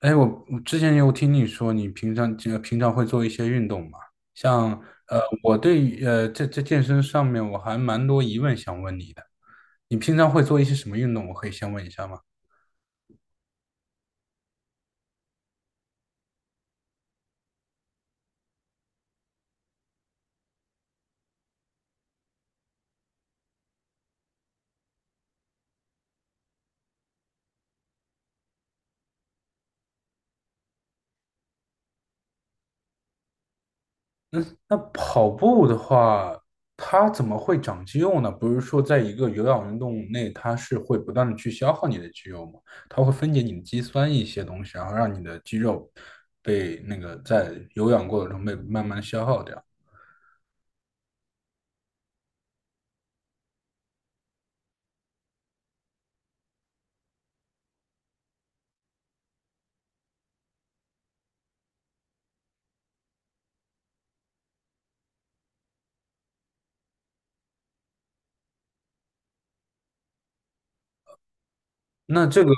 哎，我之前有听你说，你平常会做一些运动嘛？像呃，我对呃这这健身上面我还蛮多疑问想问你的。你平常会做一些什么运动？我可以先问一下吗？那跑步的话，它怎么会长肌肉呢？不是说在一个有氧运动内，它是会不断的去消耗你的肌肉吗？它会分解你的肌酸一些东西，然后让你的肌肉被那个在有氧过程中被慢慢消耗掉。那这个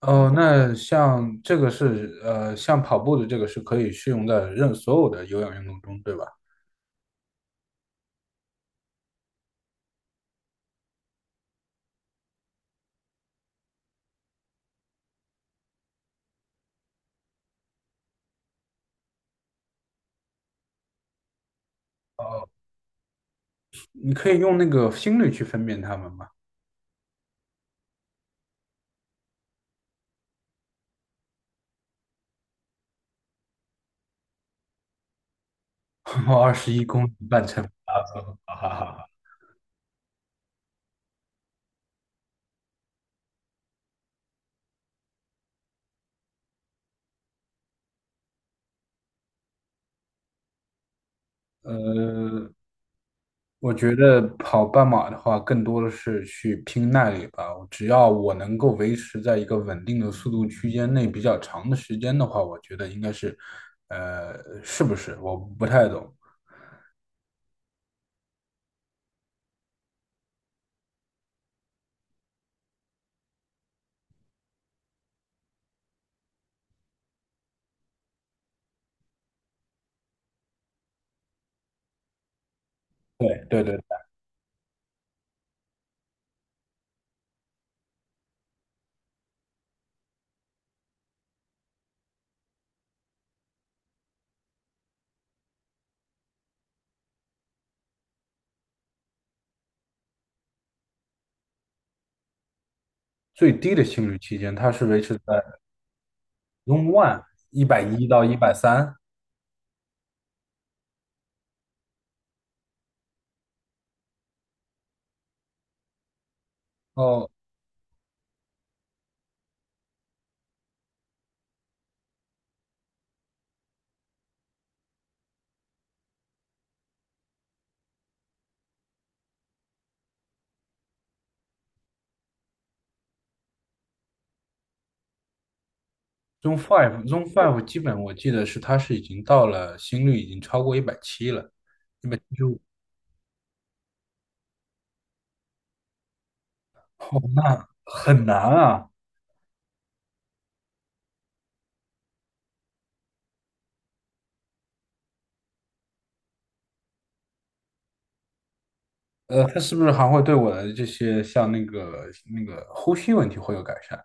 哦，那像这个是呃，像跑步的这个是可以适用在所有的有氧运动中，对吧？哦，你可以用那个心率去分辨它们吗？跑21公里半程，哈哈哈哈。呃，我觉得跑半马的话，更多的是去拼耐力吧。只要我能够维持在一个稳定的速度区间内比较长的时间的话，我觉得应该是，是不是？我不太懂。对对对，最低的心率区间，它是维持在。Zone One 110到130，哦，Zone Five 基本我记得是它是已经到了心率已经超过一百七了，175，哦，那很难啊。它是不是还会对我的这些像那个呼吸问题会有改善？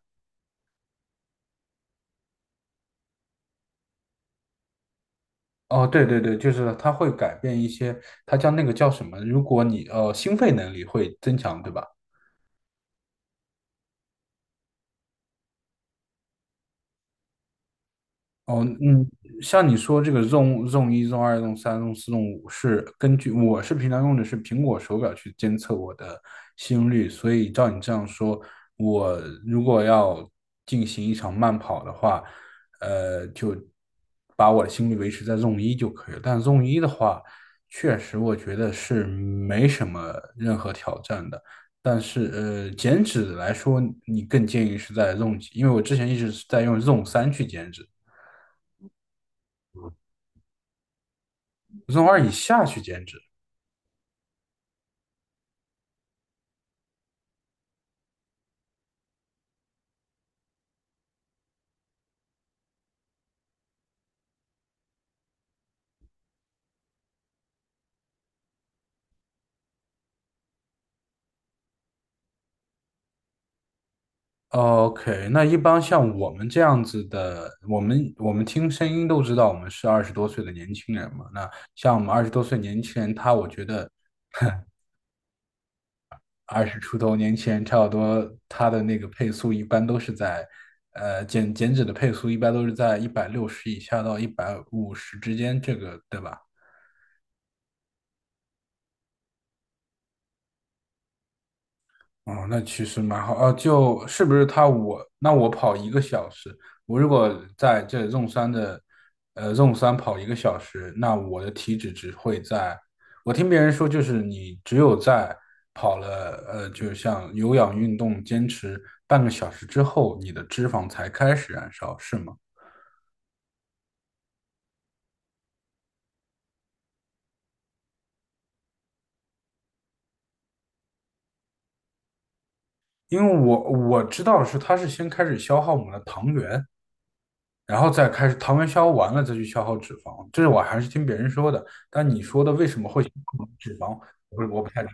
哦，对对对，就是它会改变一些，它叫那个叫什么？如果你心肺能力会增强，对吧？哦，嗯，像你说这个 Zone 一、Zone 二、Zone 三、Zone 四、Zone 五是根据我是平常用的是苹果手表去监测我的心率，所以照你这样说，我如果要进行一场慢跑的话，就把我的心率维持在 Zone 一就可以了。但 Zone 一的话，确实我觉得是没什么任何挑战的。但是减脂来说，你更建议是在 Zone 几？因为我之前一直是在用 Zone 三去减脂。从二以下去减脂。OK，那一般像我们这样子的，我们听声音都知道我们是二十多岁的年轻人嘛。那像我们二十多岁年轻人，我觉得 20出头年轻人差不多，他的那个配速一般都是在，减脂的配速一般都是在160以下到150之间，这个对吧？哦，那其实蛮好啊，就是不是他我那我跑一个小时，我如果在这纵山的，纵山跑一个小时，那我的体脂只会在，我听别人说就是你只有在跑了，就像有氧运动坚持半个小时之后，你的脂肪才开始燃烧，是吗？因为我知道是它是先开始消耗我们的糖原，然后再开始糖原消耗完了再去消耗脂肪，这是我还是听别人说的。但你说的为什么会消耗脂肪，我不太懂。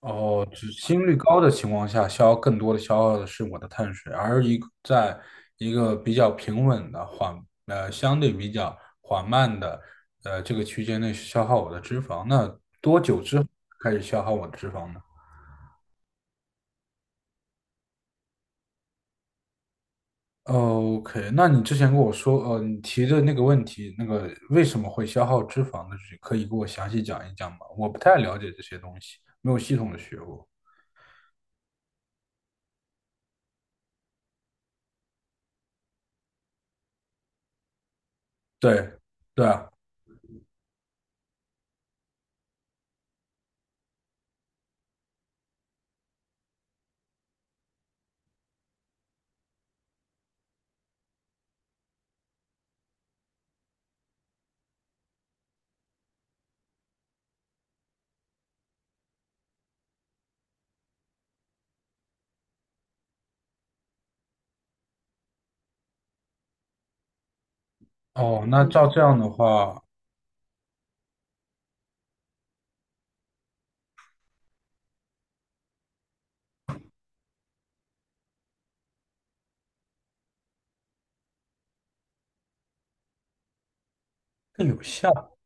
哦，只心率高的情况下，消耗更多的消耗的是我的碳水，而一个比较平稳的相对比较缓慢的这个区间内消耗我的脂肪，那多久之后开始消耗我的脂肪呢？哦 OK，那你之前跟我说，你提的那个问题，那个为什么会消耗脂肪的，可以给我详细讲一讲吗？我不太了解这些东西，没有系统的学过。对，对啊，哦，那照这样的话更有效，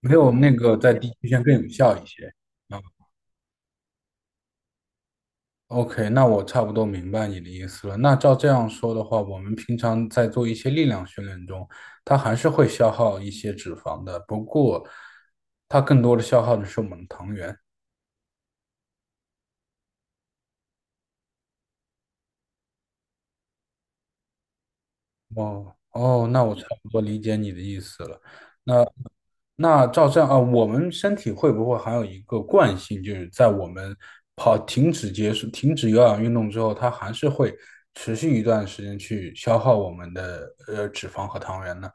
没有那个在地区线更有效一些。嗯，OK，那我差不多明白你的意思了。那照这样说的话，我们平常在做一些力量训练中，它还是会消耗一些脂肪的，不过它更多的消耗的是我们的糖原。哦哦，那我差不多理解你的意思了。那照这样啊，我们身体会不会还有一个惯性，就是在我们停止结束、停止有氧运动之后，它还是会持续一段时间去消耗我们的脂肪和糖原呢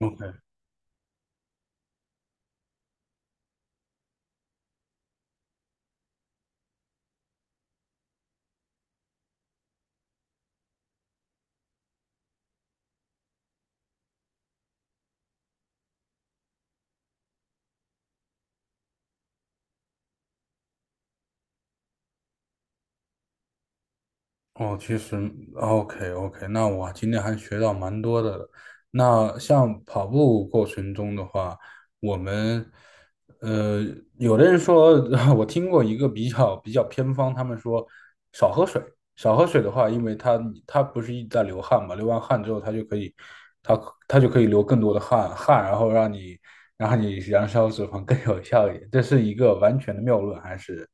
？OK，哦，其实 OK OK，那我今天还学到蛮多的。那像跑步过程中的话，我们呃，有的人说，我听过一个比较偏方，他们说少喝水，少喝水的话，因为它不是一直在流汗嘛，流完汗之后它就可以，它它就可以流更多的汗，然后让你燃烧脂肪更有效一点，这是一个完全的谬论，还是？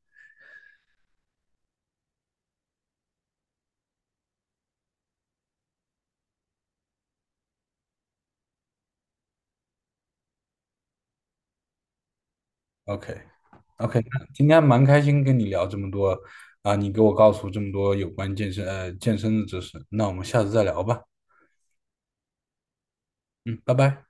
OK OK，今天蛮开心跟你聊这么多啊，你给我告诉这么多有关健身健身的知识，那我们下次再聊吧，嗯，拜拜。